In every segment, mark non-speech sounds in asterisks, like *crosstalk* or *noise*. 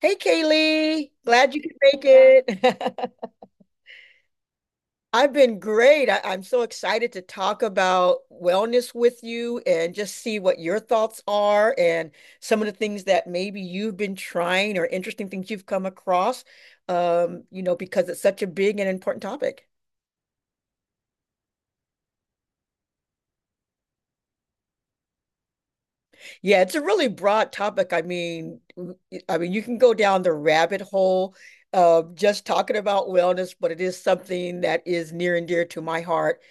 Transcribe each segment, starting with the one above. Hey, Kaylee. Glad you could make it. *laughs* I've been great. I'm so excited to talk about wellness with you and just see what your thoughts are and some of the things that maybe you've been trying or interesting things you've come across, because it's such a big and important topic. Yeah, it's a really broad topic. I mean, you can go down the rabbit hole of just talking about wellness, but it is something that is near and dear to my heart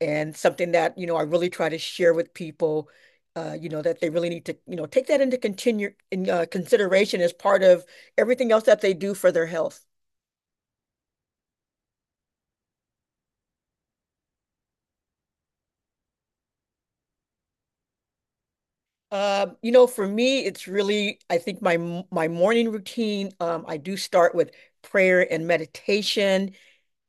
and something that, you know, I really try to share with people, you know, that they really need to, you know, take that into continue in consideration as part of everything else that they do for their health. You know, for me, it's really, I think my morning routine. I do start with prayer and meditation,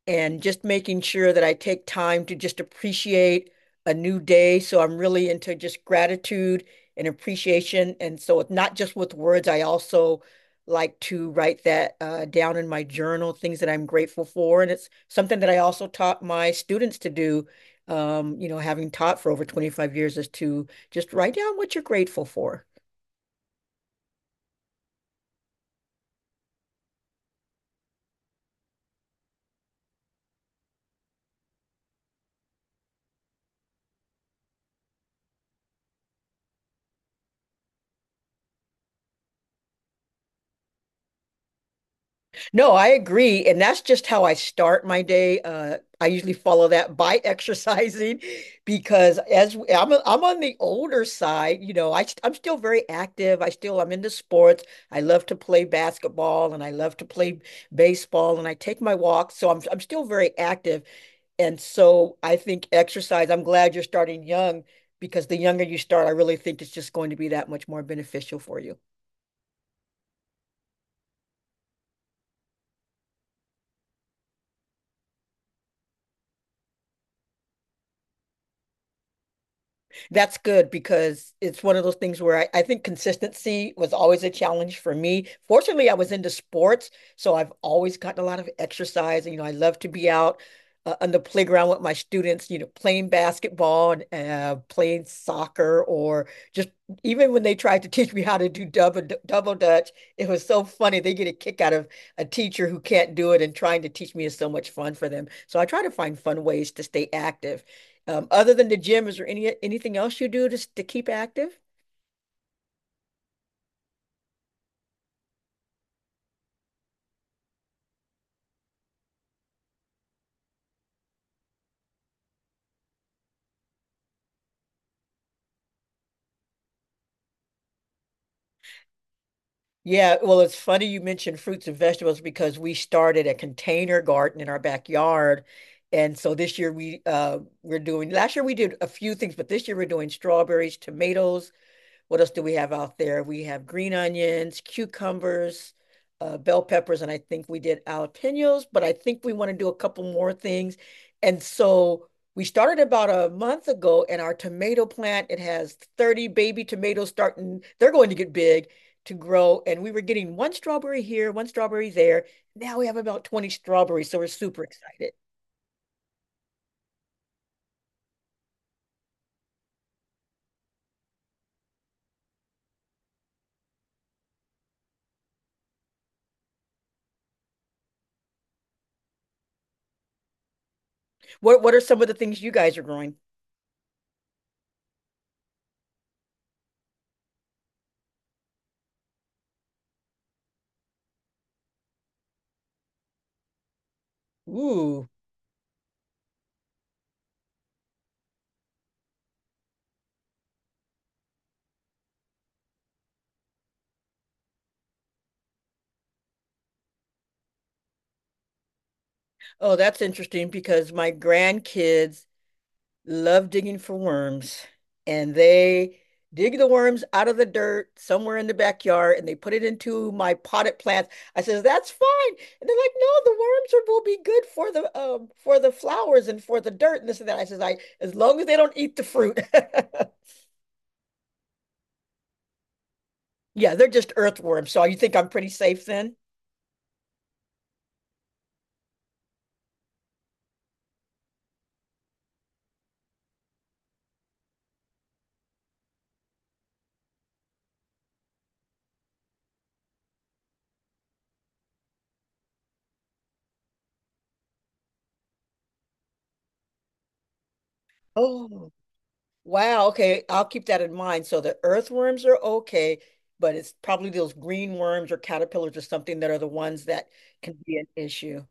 and just making sure that I take time to just appreciate a new day. So I'm really into just gratitude and appreciation. And so it's not just with words, I also like to write that down in my journal, things that I'm grateful for. And it's something that I also taught my students to do, you know, having taught for over 25 years, is to just write down what you're grateful for. No, I agree. And that's just how I start my day. I usually follow that by *laughs* exercising because I'm, I'm on the older side, you know, I'm still very active. I'm into sports. I love to play basketball and I love to play baseball and I take my walks. So I'm still very active. And so I think exercise, I'm glad you're starting young, because the younger you start, I really think it's just going to be that much more beneficial for you. That's good because it's one of those things where I think consistency was always a challenge for me. Fortunately, I was into sports, so I've always gotten a lot of exercise. And, you know, I love to be out on the playground with my students, you know, playing basketball and playing soccer, or just even when they tried to *laughs* teach me how to do double dutch. It was so funny. They get a kick out of a teacher who can't do it, and trying to teach me is so much fun for them. So I try to find fun ways to stay active. Other than the gym, is there anything else you do just to keep active? Yeah, well, it's funny you mentioned fruits and vegetables, because we started a container garden in our backyard. And so this year we we're doing last year we did a few things, but this year we're doing strawberries, tomatoes, what else do we have out there? We have green onions, cucumbers, bell peppers, and I think we did jalapenos, but I think we want to do a couple more things. And so we started about a month ago, and our tomato plant, it has 30 baby tomatoes starting, they're going to get big to grow. And we were getting one strawberry here, one strawberry there. Now we have about 20 strawberries, so we're super excited. What are some of the things you guys are growing? Ooh. Oh, that's interesting because my grandkids love digging for worms, and they dig the worms out of the dirt somewhere in the backyard, and they put it into my potted plants. I says, that's fine. And they're like, no, the worms are, will be good for the flowers and for the dirt and this and that. I says, I as long as they don't eat the fruit. *laughs* Yeah, they're just earthworms. So you think I'm pretty safe then? Oh. Wow, okay. I'll keep that in mind. So the earthworms are okay, but it's probably those green worms or caterpillars or something that are the ones that can be an issue.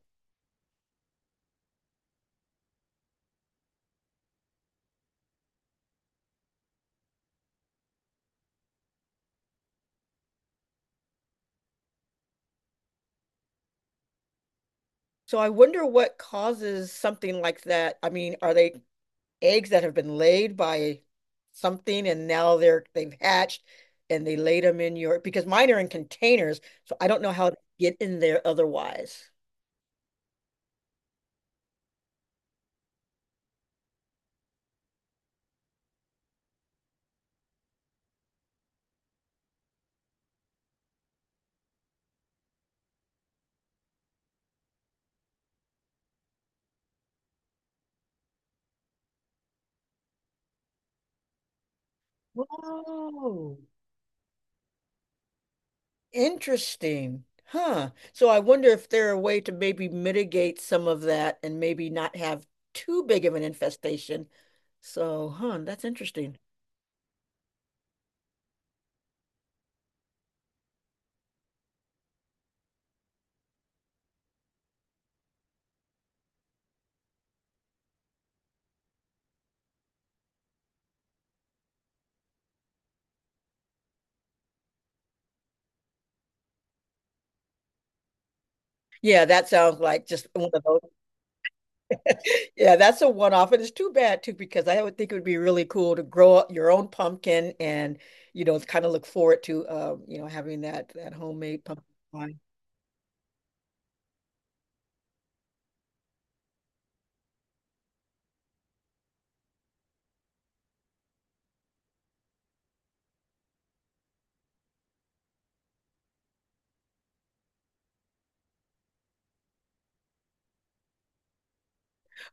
So I wonder what causes something like that. I mean, are they eggs that have been laid by something and now they've hatched and they laid them in your, because mine are in containers, so I don't know how to get in there otherwise. Whoa. Interesting. Huh. So I wonder if there a way to maybe mitigate some of that and maybe not have too big of an infestation. So, huh, that's interesting. Yeah, that sounds like just one of those. *laughs* Yeah, that's a one-off. And it's too bad too, because I would think it would be really cool to grow up your own pumpkin and, you know, kind of look forward to, you know, having that homemade pumpkin pie.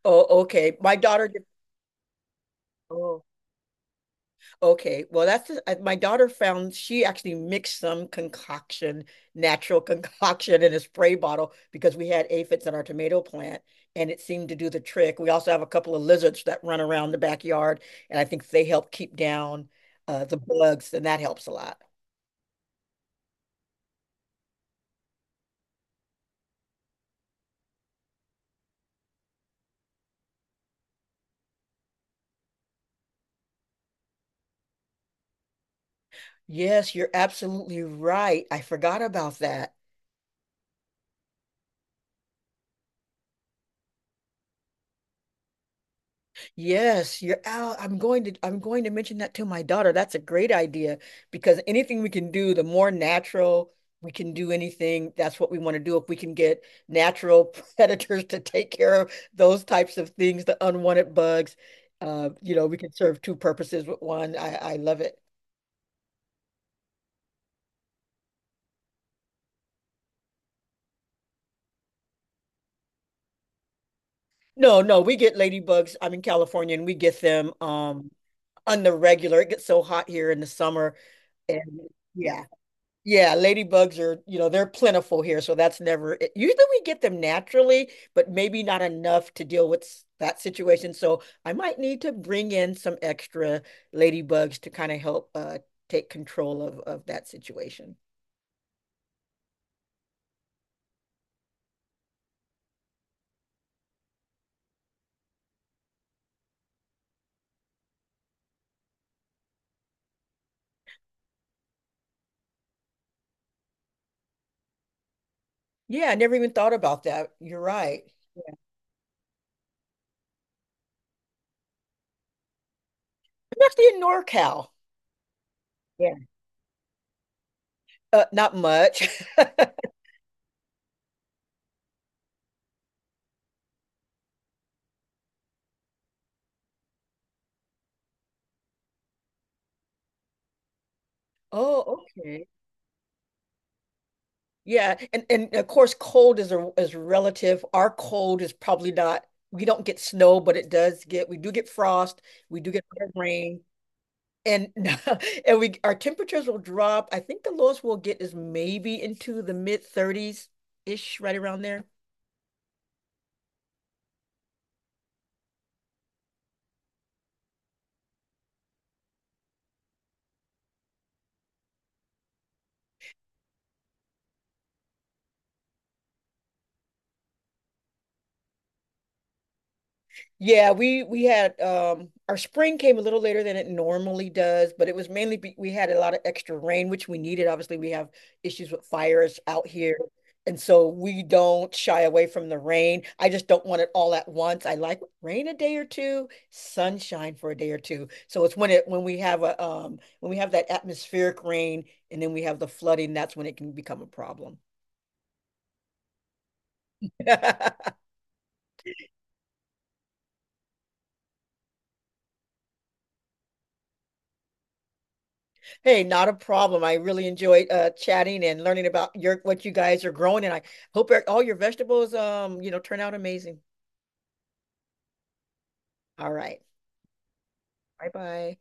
Oh, okay. My daughter did. Oh. Okay, well, that's the, my daughter found, she actually mixed some concoction, natural *laughs* concoction in a spray bottle, because we had aphids in our tomato plant and it seemed to do the trick. We also have a couple of lizards that run around the backyard, and I think they help keep down the bugs, and that helps a lot. Yes, you're absolutely right. I forgot about that. Yes, you're out. I'm going to mention that to my daughter. That's a great idea because anything we can do, the more natural, we can do anything, that's what we want to do. If we can get natural *laughs* predators to take care of those types of things, the unwanted bugs, you know, we can serve two purposes with one. I love it. No, no, we get ladybugs. I'm in California and we get them on the regular. It gets so hot here in the summer. And yeah, yeah, ladybugs are, you know, they're plentiful here, so that's never, usually we get them naturally, but maybe not enough to deal with that situation. So I might need to bring in some extra ladybugs to kind of help take control of that situation. Yeah, I never even thought about that. You're right. I'm actually in NorCal. Yeah. Not much. *laughs* Oh, okay. Yeah, and of course, cold is a is relative. Our cold is probably not. We don't get snow, but it does get. We do get frost. We do get rain, and *laughs* and we our temperatures will drop. I think the lowest we'll get is maybe into the mid 30s ish, right around there. Yeah, we had our spring came a little later than it normally does, but it was mainly be, we had a lot of extra rain which we needed. Obviously, we have issues with fires out here, and so we don't shy away from the rain. I just don't want it all at once. I like rain a day or two, sunshine for a day or two. So it's when it when we have that atmospheric rain and then we have the flooding, that's when it can become a problem. *laughs* Hey, not a problem. I really enjoyed chatting and learning about your what you guys are growing, and I hope all your vegetables, you know, turn out amazing. All right. Bye bye.